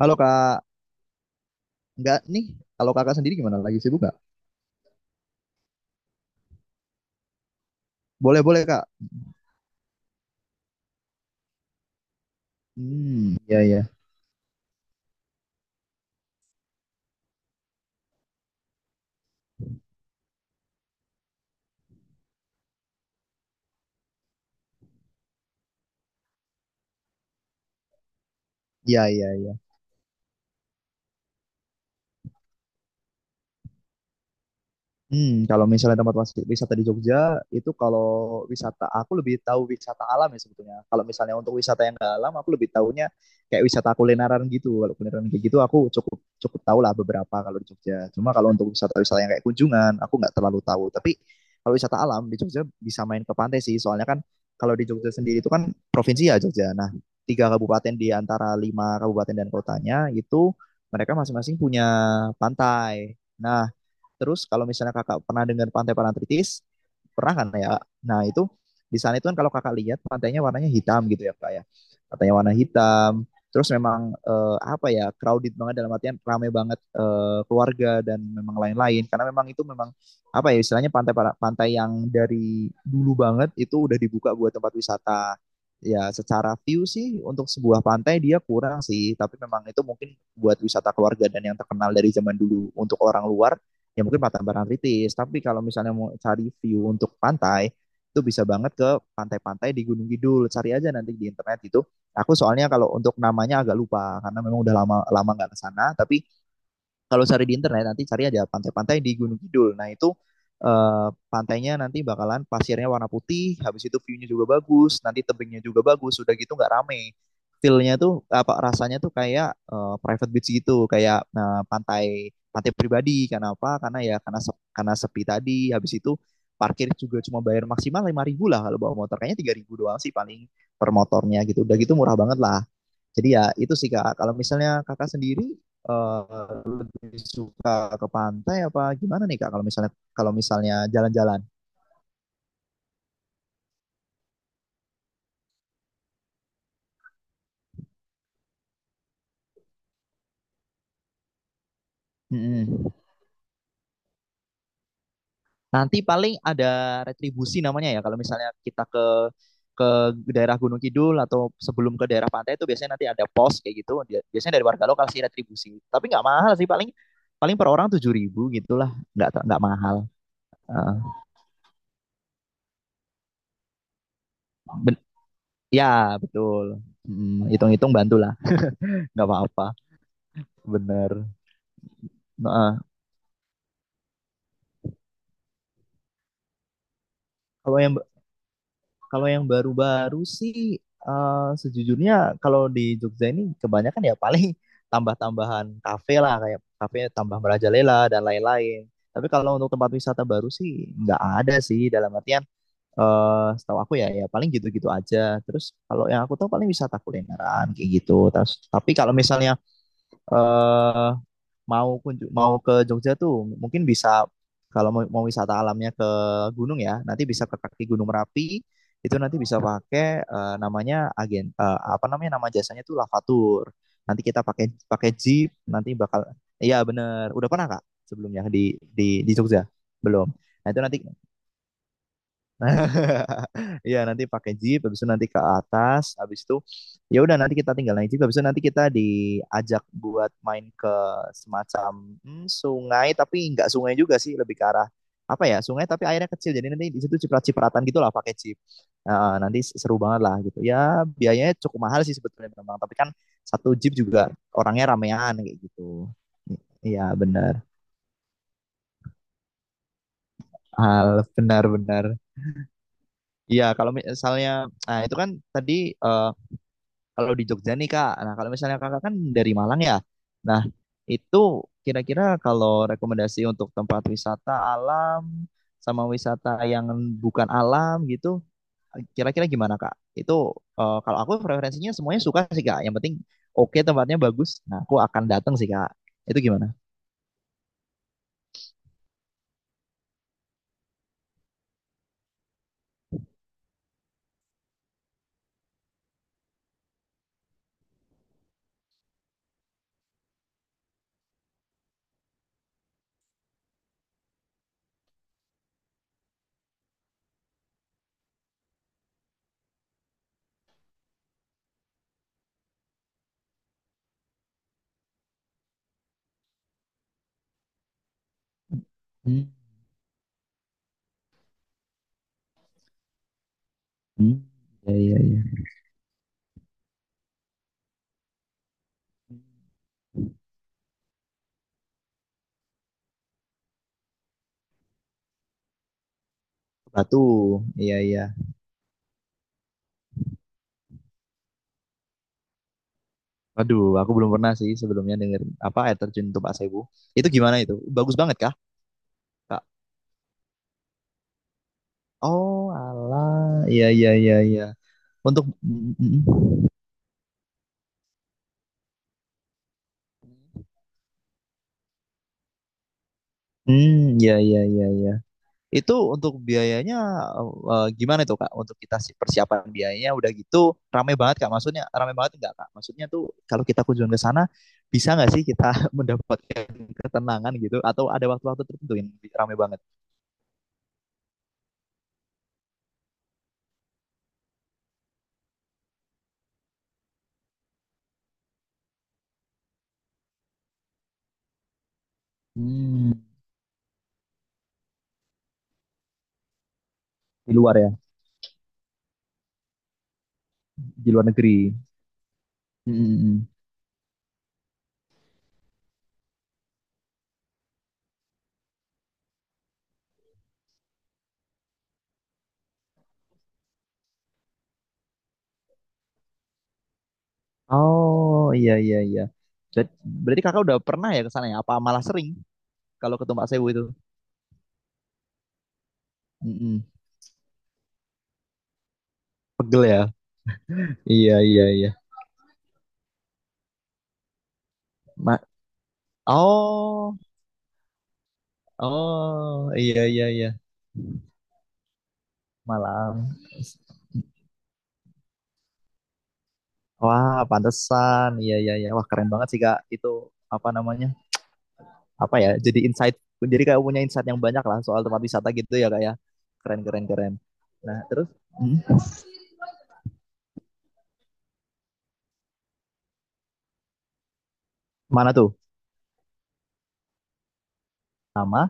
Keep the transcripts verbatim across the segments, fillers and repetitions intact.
Halo Kak, enggak nih. Kalau Kakak sendiri gimana? Lagi sibuk nggak? Boleh, boleh Kak. Hmm, iya, iya. Iya, iya, iya. Hmm, kalau misalnya tempat wis- wisata di Jogja itu kalau wisata aku lebih tahu wisata alam ya sebetulnya. Kalau misalnya untuk wisata yang nggak alam aku lebih tahunya kayak wisata kulineran gitu. Kalau kulineran kayak gitu aku cukup cukup tahu lah beberapa kalau di Jogja. Cuma kalau untuk wisata-wisata yang kayak kunjungan aku nggak terlalu tahu. Tapi kalau wisata alam di Jogja bisa main ke pantai sih. Soalnya kan kalau di Jogja sendiri itu kan provinsi ya Jogja. Nah, tiga kabupaten di antara lima kabupaten dan kotanya itu mereka masing-masing punya pantai. Nah, terus kalau misalnya kakak pernah dengar pantai Parangtritis, pernah kan ya? Nah itu di sana itu kan kalau kakak lihat pantainya warnanya hitam gitu ya kak ya. Pantainya warna hitam. Terus memang eh, apa ya crowded banget dalam artian ramai banget eh, keluarga dan memang lain-lain. Karena memang itu memang apa ya istilahnya pantai pantai yang dari dulu banget itu udah dibuka buat tempat wisata, ya secara view sih untuk sebuah pantai dia kurang sih, tapi memang itu mungkin buat wisata keluarga dan yang terkenal dari zaman dulu untuk orang luar ya mungkin Pantai Barangritis. Tapi kalau misalnya mau cari view untuk pantai, itu bisa banget ke pantai-pantai di Gunung Kidul. Cari aja nanti di internet itu. Aku soalnya kalau untuk namanya agak lupa karena memang udah lama lama nggak ke sana. Tapi kalau cari di internet nanti cari ada pantai-pantai di Gunung Kidul. Nah, itu eh, pantainya nanti bakalan pasirnya warna putih, habis itu view-nya juga bagus, nanti tebingnya juga bagus, udah gitu nggak rame. Feel-nya tuh apa rasanya tuh kayak eh, private beach gitu, kayak nah, pantai pantai pribadi. Kenapa? Karena ya karena sep- karena sepi tadi, habis itu parkir juga cuma bayar maksimal lima ribu lah kalau bawa motor. Kayaknya tiga ribu doang sih paling per motornya gitu. Udah gitu murah banget lah. Jadi ya itu sih Kak, kalau misalnya Kakak sendiri eh, lebih suka ke pantai apa gimana nih Kak kalau misalnya kalau misalnya jalan-jalan? Mm-mm. Nanti paling ada retribusi namanya ya kalau misalnya kita ke ke daerah Gunung Kidul atau sebelum ke daerah pantai itu biasanya nanti ada pos kayak gitu. Dia- Biasanya dari warga lokal sih retribusi. Tapi nggak mahal sih paling paling per orang tujuh ribu gitulah, nggak ter- nggak mahal. Heeh. Ben- ya betul. Mm, hitung-hitung bantulah, nggak apa-apa. Bener. Nah, kalau yang kalau yang baru-baru sih eh, sejujurnya kalau di Jogja ini kebanyakan ya paling tambah-tambahan kafe lah kayak kafe tambah merajalela dan lain-lain. Tapi kalau untuk tempat wisata baru sih nggak ada sih dalam artian eh setahu aku ya ya paling gitu-gitu aja. Terus kalau yang aku tahu paling wisata kulineran kayak gitu. Terus tapi kalau misalnya eh mau kunju- mau ke Jogja tuh mungkin bisa, kalau mau, mau, wisata alamnya ke gunung ya, nanti bisa ke kaki Gunung Merapi. Itu nanti bisa pakai eh, namanya agen eh, apa namanya nama jasanya tuh Lavatur. Nanti kita pakai pakai jeep, nanti bakal iya bener. Udah pernah Kak sebelumnya di di di Jogja? Belum. Nah, itu nanti iya nanti pakai jeep, habis itu nanti ke atas, habis itu ya udah nanti kita tinggal naik jeep, habis itu nanti kita diajak buat main ke semacam hmm, sungai, tapi nggak sungai juga sih, lebih ke arah apa ya sungai tapi airnya kecil, jadi nanti di situ ciprat-cipratan gitu lah pakai jeep. Nah, nanti seru banget lah gitu. Ya biayanya cukup mahal sih sebetulnya memang, tapi kan satu jeep juga orangnya ramean kayak gitu. Iya benar, hal benar-benar. Iya, kalau misalnya, nah itu kan tadi eh, kalau di Jogja nih Kak, nah kalau misalnya Kakak kan dari Malang ya, nah itu kira-kira kalau rekomendasi untuk tempat wisata alam sama wisata yang bukan alam gitu, kira-kira gimana Kak? Itu eh, kalau aku preferensinya semuanya suka sih Kak, yang penting oke tempatnya bagus, nah aku akan datang sih Kak. Itu gimana? Hmm, hmm, iya, iya, iya. Batu, iya iya. Aduh, aku belum pernah sih sebelumnya denger apa air terjun Tumpak Sewu. Itu gimana itu? Bagus banget kah? Kak? Oh, alah. Iya, iya, iya, iya. Untuk mm, mm, mm. Hmm, iya, iya, iya, iya. Itu untuk biayanya eh, eh, gimana tuh, Kak? Untuk kita si- persiapan biayanya, udah gitu rame banget, Kak? Maksudnya rame banget enggak, Kak? Maksudnya tuh kalau kita kunjungan ke sana bisa nggak sih kita mendapatkan ketenangan gitu, atau ada waktu-waktu tertentu yang rame banget? Hmm, di luar ya, di luar negeri. Mm, mm, mm. Oh, iya, iya, iya. Jadi berarti Kakak udah pernah ya ke sana ya? Apa malah sering kalau ke Tumpak Sewu itu? Mm-mm. Pegel ya. Iya iya iya. Ma- oh oh iya iya iya. Malam. Wah pantesan. Iya iya iya. Wah keren banget sih kak itu apa namanya apa ya jadi insight, jadi kayak punya insight yang banyak lah soal tempat wisata gitu ya kak ya, keren keren keren. Nah terus mm, mana tuh sama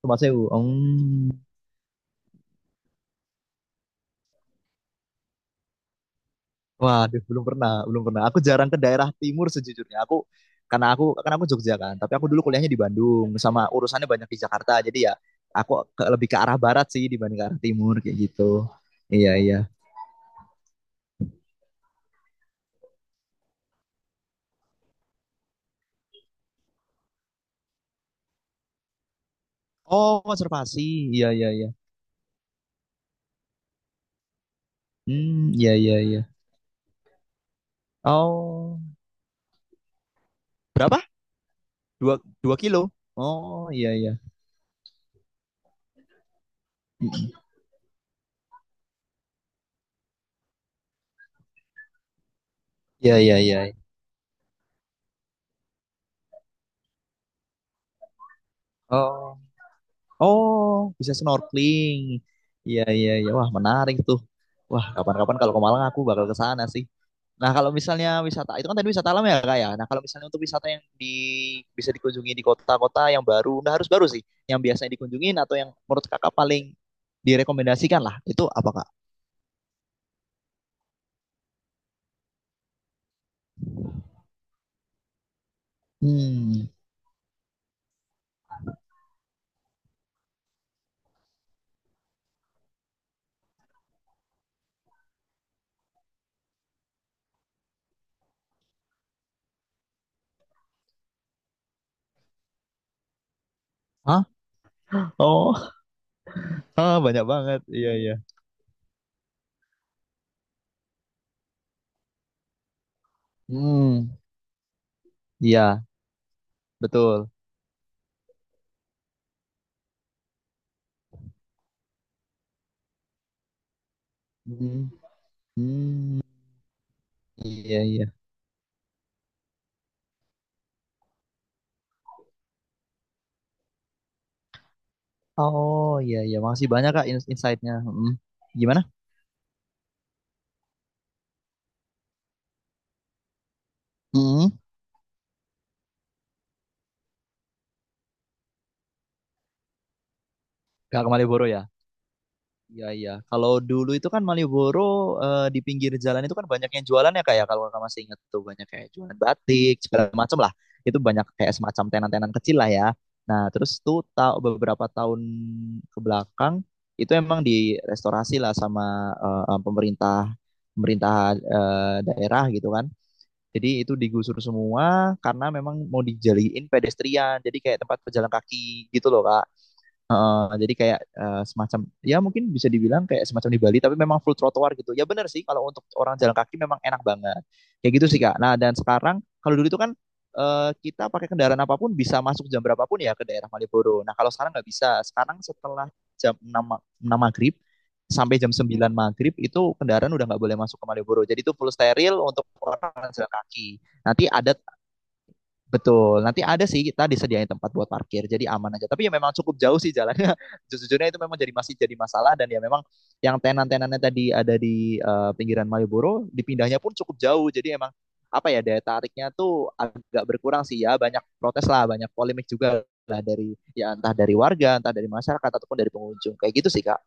tempat sewu. Hmm, waduh, belum pernah, belum pernah. Aku jarang ke daerah timur sejujurnya. Aku karena aku karena aku Jogja kan, tapi aku dulu kuliahnya di Bandung sama urusannya banyak di Jakarta. Jadi ya aku ke, lebih ke arah barat sih dibanding ke arah timur kayak gitu. Iya, iya. Oh, konservasi. Iya, iya, iya. Hmm, iya, iya, iya. Oh, berapa? Dua, dua kilo. Oh, iya, iya. Iya, iya, iya. Oh, oh, bisa snorkeling. Iya, iya, iya. Wah, menarik tuh. Wah, kapan-kapan kalau ke Malang aku bakal ke sana sih. Nah, kalau misalnya wisata itu kan tadi wisata alam ya, Kak ya. Nah, kalau misalnya untuk wisata yang di bisa dikunjungi di kota-kota yang baru, nah harus baru sih, yang biasanya dikunjungin atau yang menurut Kakak paling direkomendasikan lah, itu apa, Kak? Hmm, hah? Oh, ah, banyak banget. Iya, iya. Hmm, iya, betul. Hmm, hmm, iya, iya. Oh, iya, iya. Makasih banyak, Kak, ins- insight-nya. Mm. Gimana? Hmm. Kak ke Malioboro ya? Iya iya. Kalau dulu itu kan Malioboro eh, di pinggir jalan itu kan banyak yang jualan ya kayak kalau kamu masih ingat tuh banyak kayak jualan batik segala macam lah. Itu banyak kayak semacam tenan-tenan kecil lah ya. Nah terus tuh tahu beberapa tahun ke belakang itu emang direstorasi lah sama eh, eh, pemerintah pemerintah eh, daerah gitu kan. Jadi itu digusur semua karena memang mau dijadiin pedestrian. Jadi kayak tempat pejalan kaki gitu loh Kak. Uh, jadi kayak uh, semacam ya mungkin bisa dibilang kayak semacam di Bali tapi memang full trotoar gitu. Ya benar sih kalau untuk orang jalan kaki memang enak banget. Kayak gitu sih Kak. Nah, dan sekarang kalau dulu itu kan uh, kita pakai kendaraan apapun bisa masuk jam berapapun ya ke daerah Malioboro. Nah, kalau sekarang nggak bisa. Sekarang setelah jam enam ma- enam maghrib sampai jam sembilan maghrib itu kendaraan udah nggak boleh masuk ke Malioboro. Jadi itu full steril untuk orang jalan kaki. Nanti ada betul, nanti ada sih kita disediain tempat buat parkir, jadi aman aja. Tapi ya memang cukup jauh sih jalannya. Sejujurnya itu memang jadi masih jadi masalah dan ya memang yang tenan-tenannya tadi ada di eh, pinggiran Malioboro, dipindahnya pun cukup jauh. Jadi emang apa ya daya tariknya tuh agak berkurang sih ya. Banyak protes lah, banyak polemik juga lah, dari ya entah dari warga, entah dari masyarakat ataupun dari pengunjung. Kayak gitu sih, Kak.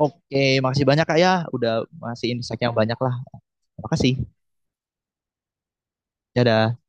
Oke, makasih banyak Kak ya udah masih insight yang banyak lah. Makasih. Dadah.